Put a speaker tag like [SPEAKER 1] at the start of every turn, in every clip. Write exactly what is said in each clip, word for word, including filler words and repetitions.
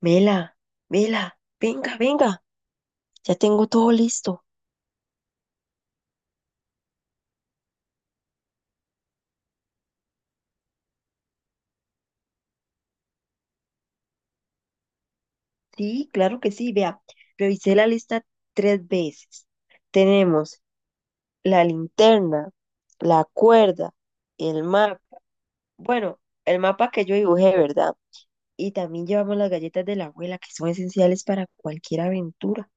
[SPEAKER 1] Mela, Mela, venga, venga, ya tengo todo listo. Sí, claro que sí, vea, revisé la lista tres veces. Tenemos la linterna, la cuerda, el mapa, bueno, el mapa que yo dibujé, ¿verdad? Y también llevamos las galletas de la abuela, que son esenciales para cualquier aventura.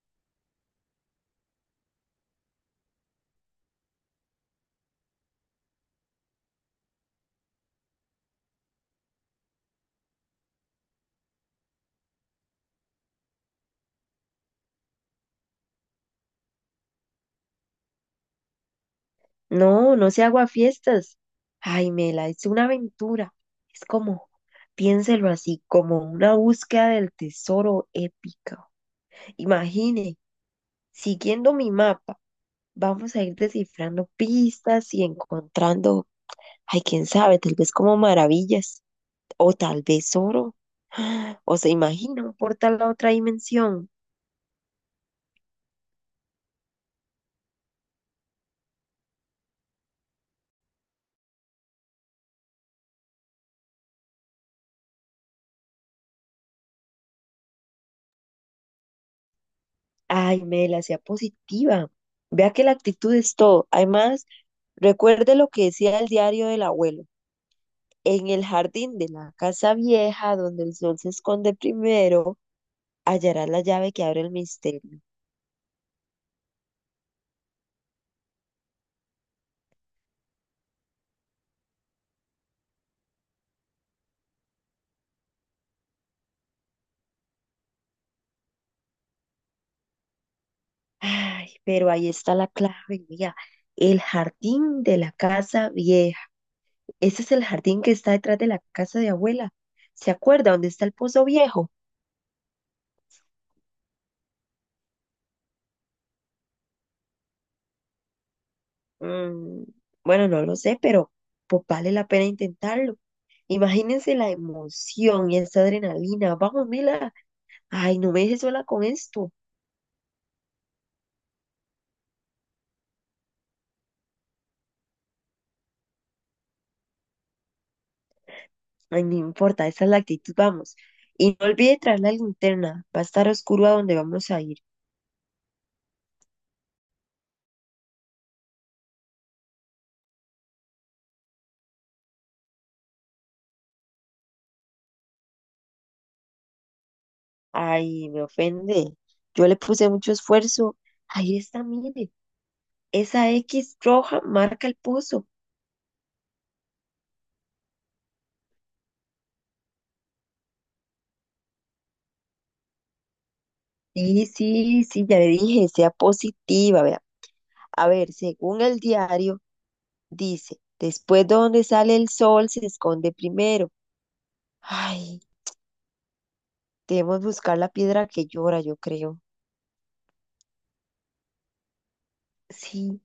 [SPEAKER 1] No, no se hago fiestas. Ay, Mela, es una aventura. Es como, piénselo así, como una búsqueda del tesoro épica. Imagine, siguiendo mi mapa, vamos a ir descifrando pistas y encontrando, ay, quién sabe, tal vez como maravillas o tal vez oro. O se imagina un portal a otra dimensión. Ay, Mela, sea positiva. Vea que la actitud es todo. Además, recuerde lo que decía el diario del abuelo. En el jardín de la casa vieja, donde el sol se esconde primero, hallarás la llave que abre el misterio. Ay, pero ahí está la clave, mira, el jardín de la casa vieja. Ese es el jardín que está detrás de la casa de abuela. ¿Se acuerda dónde está el pozo viejo? Mm, bueno, no lo sé, pero pues vale la pena intentarlo. Imagínense la emoción y esa adrenalina. Vamos, Mila. Ay, no me dejes sola con esto. Ay, no importa, esa es la actitud, vamos. Y no olvide traer la linterna, va a estar oscuro a donde vamos a ir. Ay, me ofende. Yo le puse mucho esfuerzo. Ahí está, mire. Esa X roja marca el pozo. Sí, sí, sí, ya le dije, sea positiva, vea. A ver, según el diario, dice, después de donde sale el sol se esconde primero. Ay, debemos buscar la piedra que llora, yo creo. Sí.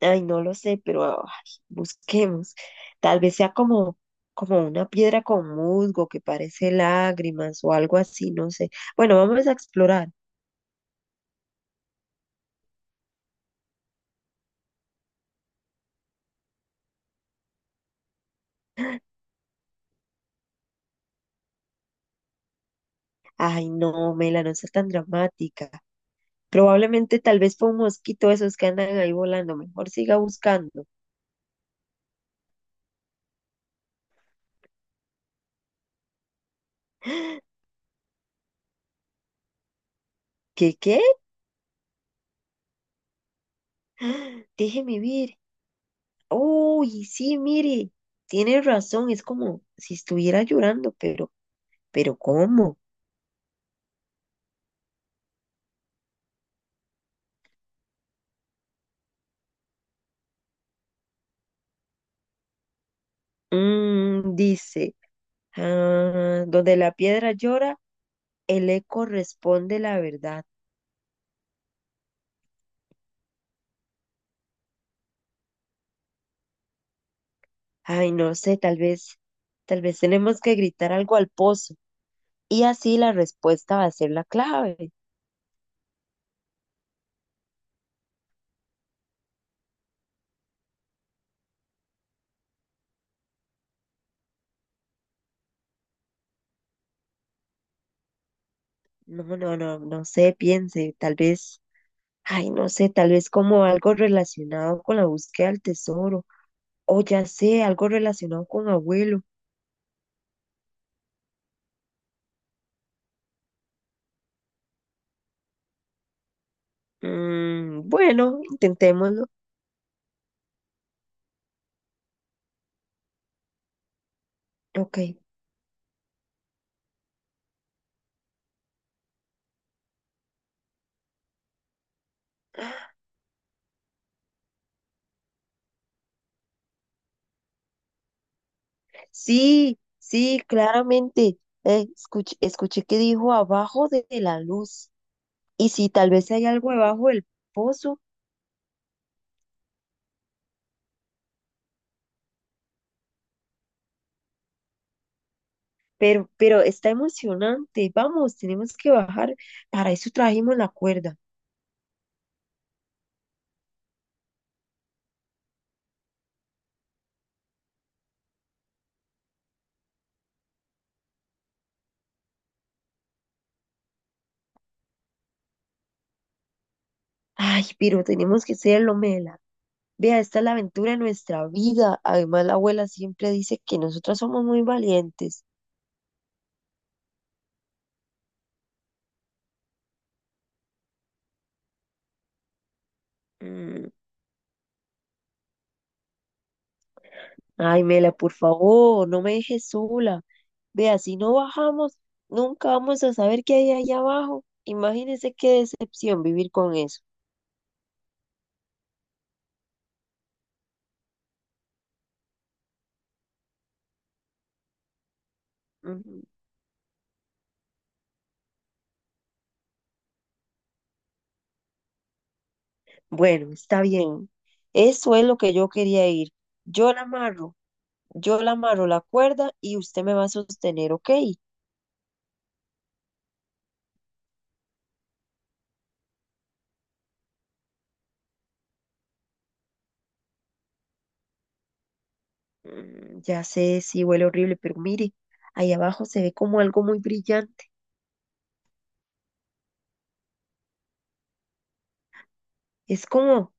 [SPEAKER 1] Ay, no lo sé, pero ay, busquemos. Tal vez sea como, como una piedra con musgo que parece lágrimas o algo así, no sé. Bueno, vamos a explorar. Ay, no, Mela, no seas tan dramática. Probablemente tal vez fue un mosquito esos que andan ahí volando. Mejor siga buscando. ¿Qué, qué? ¡Ah! Déjeme ver. Uy, sí, mire. Tiene razón, es como si estuviera llorando, pero, pero ¿cómo? Mm, dice. Ah, donde la piedra llora, el eco responde la verdad. Ay, no sé, tal vez, tal vez tenemos que gritar algo al pozo y así la respuesta va a ser la clave. No, no, no, no sé, piense, tal vez, ay, no sé, tal vez como algo relacionado con la búsqueda del tesoro o ya sé, algo relacionado con abuelo. Mm, bueno, intentémoslo. Ok. Sí, sí, claramente. Eh, escuch- escuché que dijo abajo de, de la luz. Y sí, tal vez hay algo debajo del pozo, pero, pero está emocionante. Vamos, tenemos que bajar. Para eso trajimos la cuerda. Ay, pero tenemos que hacerlo, Mela. Vea, esta es la aventura de nuestra vida. Además, la abuela siempre dice que nosotras somos muy valientes. Mm, Ay, Mela, por favor, no me dejes sola. Vea, si no bajamos, nunca vamos a saber qué hay allá abajo. Imagínese qué decepción vivir con eso. Ujú. Bueno, está bien. Eso es lo que yo quería ir. Yo la amarro, yo la amarro la cuerda y usted me va a sostener, ¿ok? "Mm, ya sé, sí huele horrible, pero mire, ahí abajo se ve como algo muy brillante. Es como,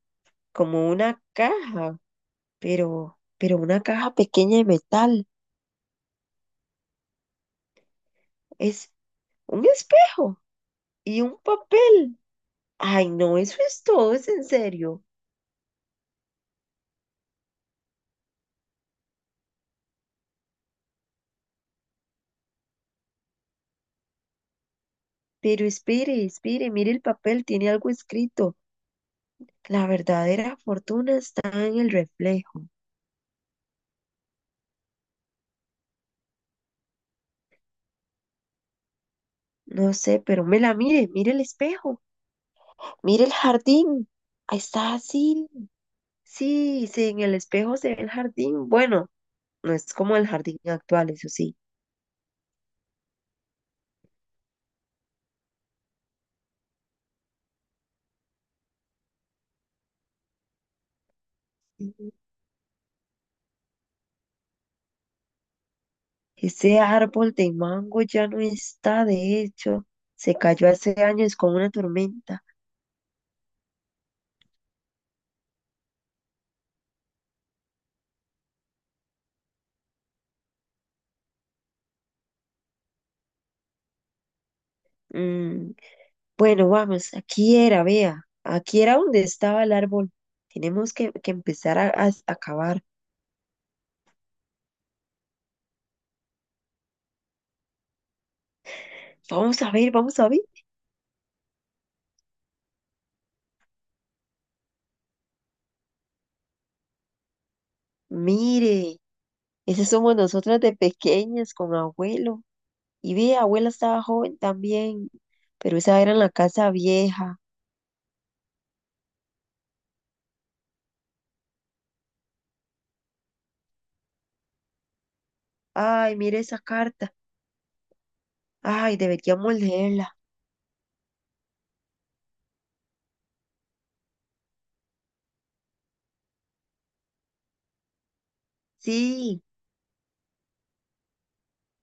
[SPEAKER 1] como una caja, pero, pero una caja pequeña de metal. Es un espejo y un papel. Ay, no, eso es todo, es en serio. Pero espere, espere, mire el papel, tiene algo escrito. La verdadera fortuna está en el reflejo. No sé, pero me la mire, mire el espejo, mire el jardín. Ahí está, sí, sí, sí, en el espejo se ve el jardín. Bueno, no es como el jardín actual, eso sí. Ese árbol de mango ya no está, de hecho, se cayó hace años con una tormenta. Mm, bueno, vamos, aquí era, vea, aquí era donde estaba el árbol. Tenemos que, que empezar a, a- a cavar. Vamos a ver, vamos a ver. Mire, esas somos nosotras de pequeñas con abuelo. Y vea, abuela estaba joven también, pero esa era en la casa vieja. Ay, mire esa carta. Ay, deberíamos leerla. Sí.